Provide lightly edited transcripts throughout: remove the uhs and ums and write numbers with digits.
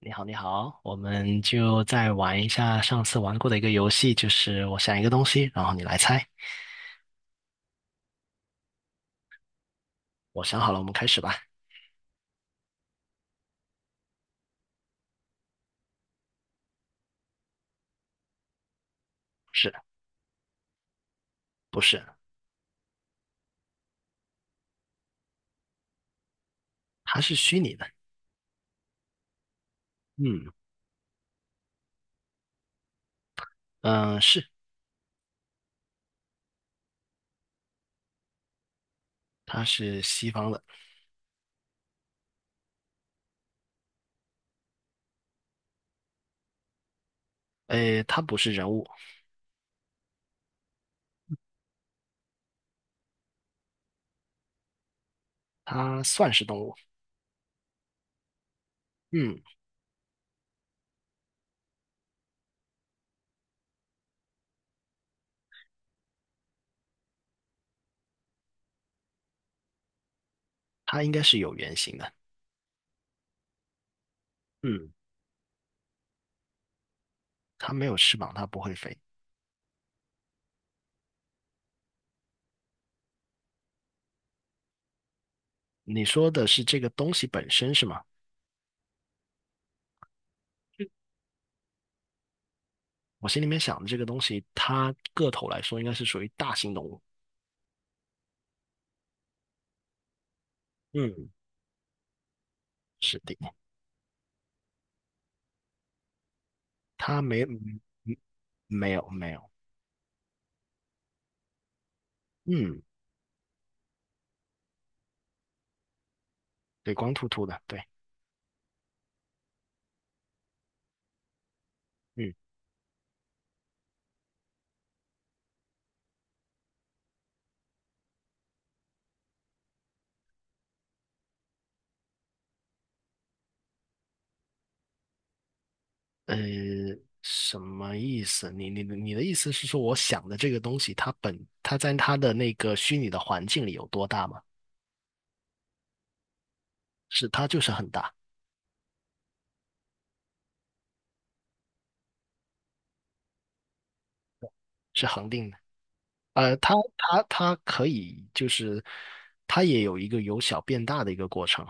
你好，你好，我们就再玩一下上次玩过的一个游戏，就是我想一个东西，然后你来猜。我想好了，我们开始吧。是不是？它是虚拟的。嗯嗯、是，它是西方的。诶，它不是人物，它算是动物。嗯，它应该是有原型的。嗯，它没有翅膀，它不会飞。你说的是这个东西本身是吗？我心里面想的这个东西，它个头来说应该是属于大型动物。嗯，是的，它没有没有。嗯，对，光秃秃的，对。嗯，呃，什么意思？你的意思是说，我想的这个东西，它在它的那个虚拟的环境里有多大吗？是，它就是很大，是恒定的。它可以就是，它也有一个由小变大的一个过程。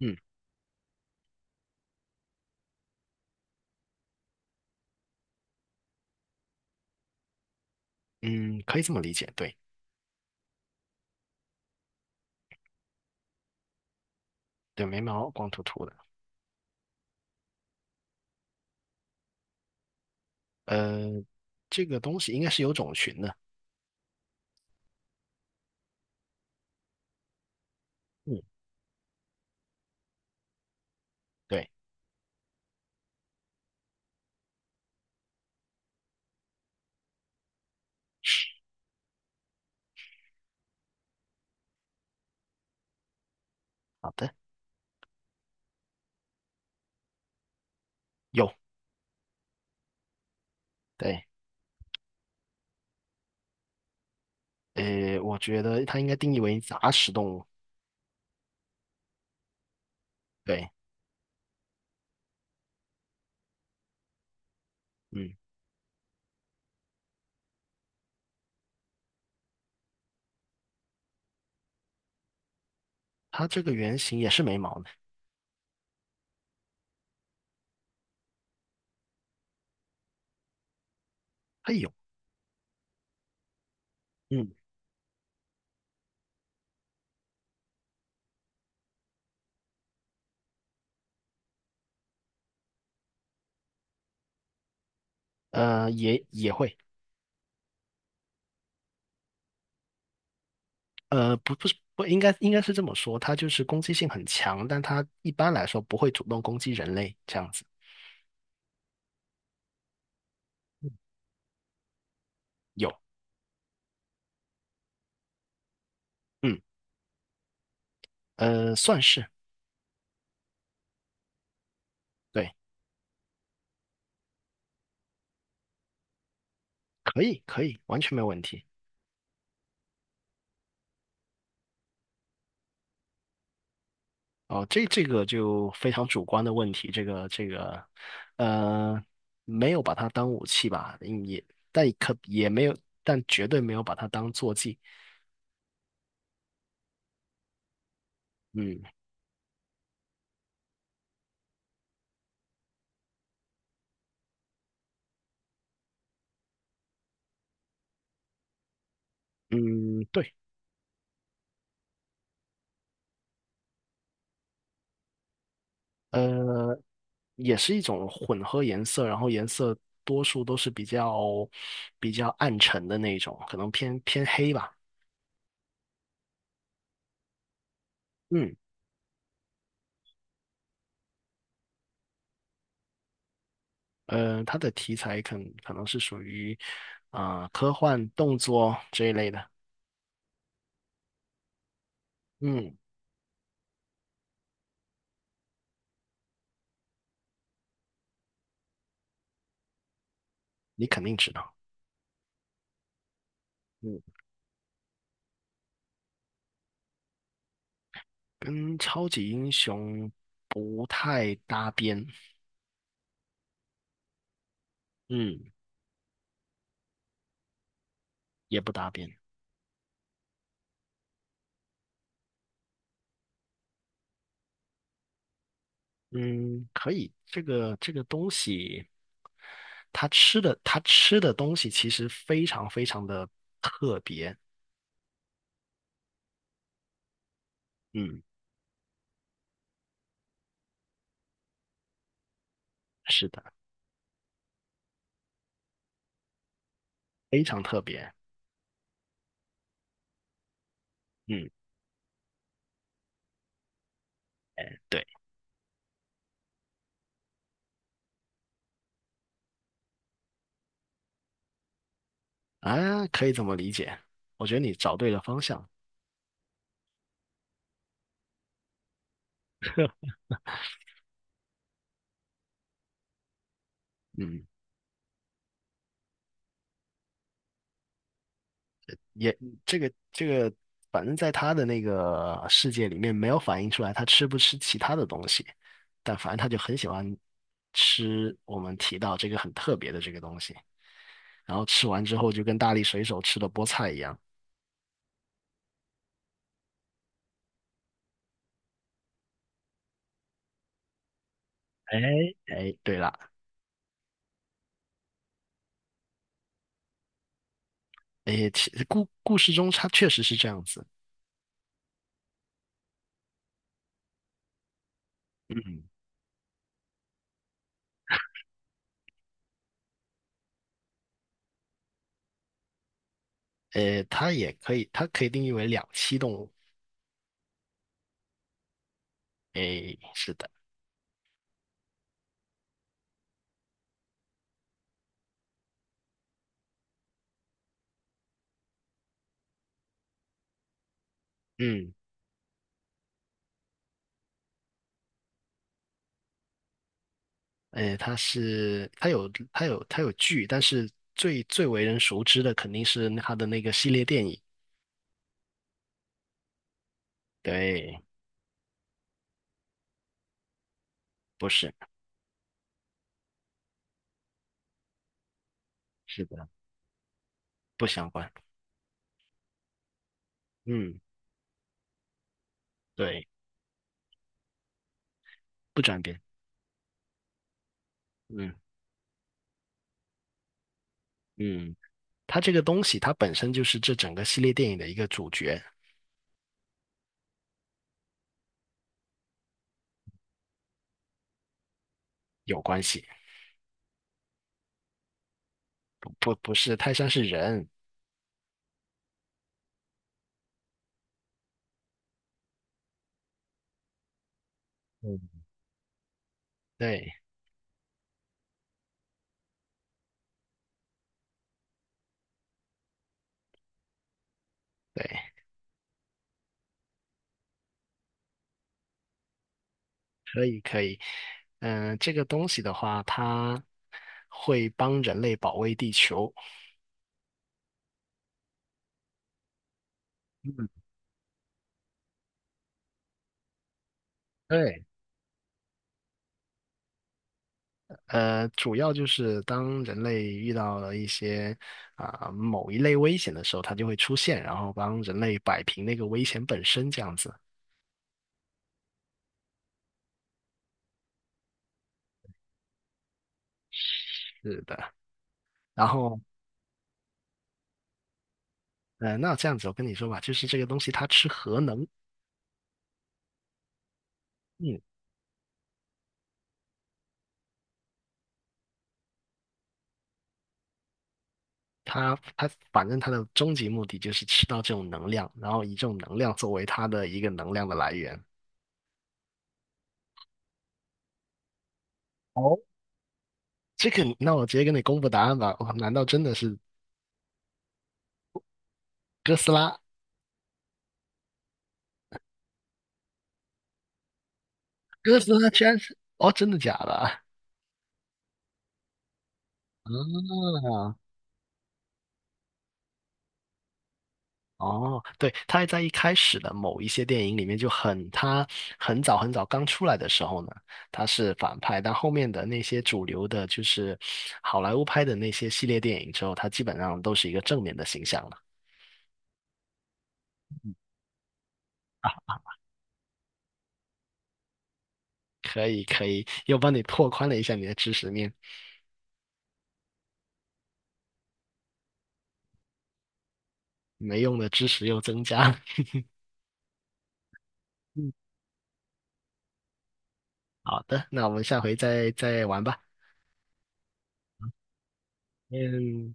嗯，嗯，可以这么理解，对对，眉毛，光秃秃的。呃，这个东西应该是有种群的。嗯，对，好的，有，对。我觉得它应该定义为杂食动物。对，嗯，它这个原型也是没毛的，它有，嗯，也也会。呃，不不是不应该应该是这么说，它就是攻击性很强，但它一般来说不会主动攻击人类这样子。嗯，有，嗯，算是，对，可以可以，完全没有问题。哦，这这个就非常主观的问题，呃，没有把它当武器吧，嗯也但可也没有，但绝对没有把它当坐骑。嗯嗯，对。呃。也是一种混合颜色，然后颜色多数都是比较比较暗沉的那种，可能偏偏黑吧。嗯，它的题材可能是属于科幻、动作这一类的。嗯，你肯定知道。嗯，跟超级英雄不太搭边。嗯，也不搭边。嗯，可以。这个东西，它吃的东西其实非常非常的特别。嗯。是的，非常特别。嗯，哎，对啊，可以这么理解。我觉得你找对了方向。嗯，也这个这个，反正在他的那个世界里面，没有反映出来他吃不吃其他的东西，但反正他就很喜欢吃我们提到这个很特别的这个东西。然后吃完之后，就跟大力水手吃的菠菜一样。哎，哎，对了，哎，故事中它确实是这样子。嗯，它也可以，它可以定义为两栖动物。诶，是的，嗯，诶，它是它有剧，但是最最为人熟知的肯定是它的那个系列电影。对，不是，是的，不相关。嗯，对，不转变。嗯，嗯，它这个东西它本身就是这整个系列电影的一个主角，有关系。不是泰山是人。嗯，对对，可以可以。嗯、这个东西的话，它会帮人类保卫地球。嗯，对。主要就是当人类遇到了一些某一类危险的时候，它就会出现，然后帮人类摆平那个危险本身这样子。是的，然后那这样子我跟你说吧，就是这个东西它吃核能。嗯，反正它的终极目的就是吃到这种能量，然后以这种能量作为它的一个能量的来源。哦，这个那我直接跟你公布答案吧。哇，难道真的是哥斯拉？哥斯拉居然是哦，真的假的啊？哦，对，他在一开始的某一些电影里面就很，他很早很早刚出来的时候呢，他是反派，但后面的那些主流的，就是好莱坞拍的那些系列电影之后，他基本上都是一个正面的形象了。啊，可以可以，又帮你拓宽了一下你的知识面，没用的知识又增加了。嗯，好的，那我们下回再玩吧。嗯，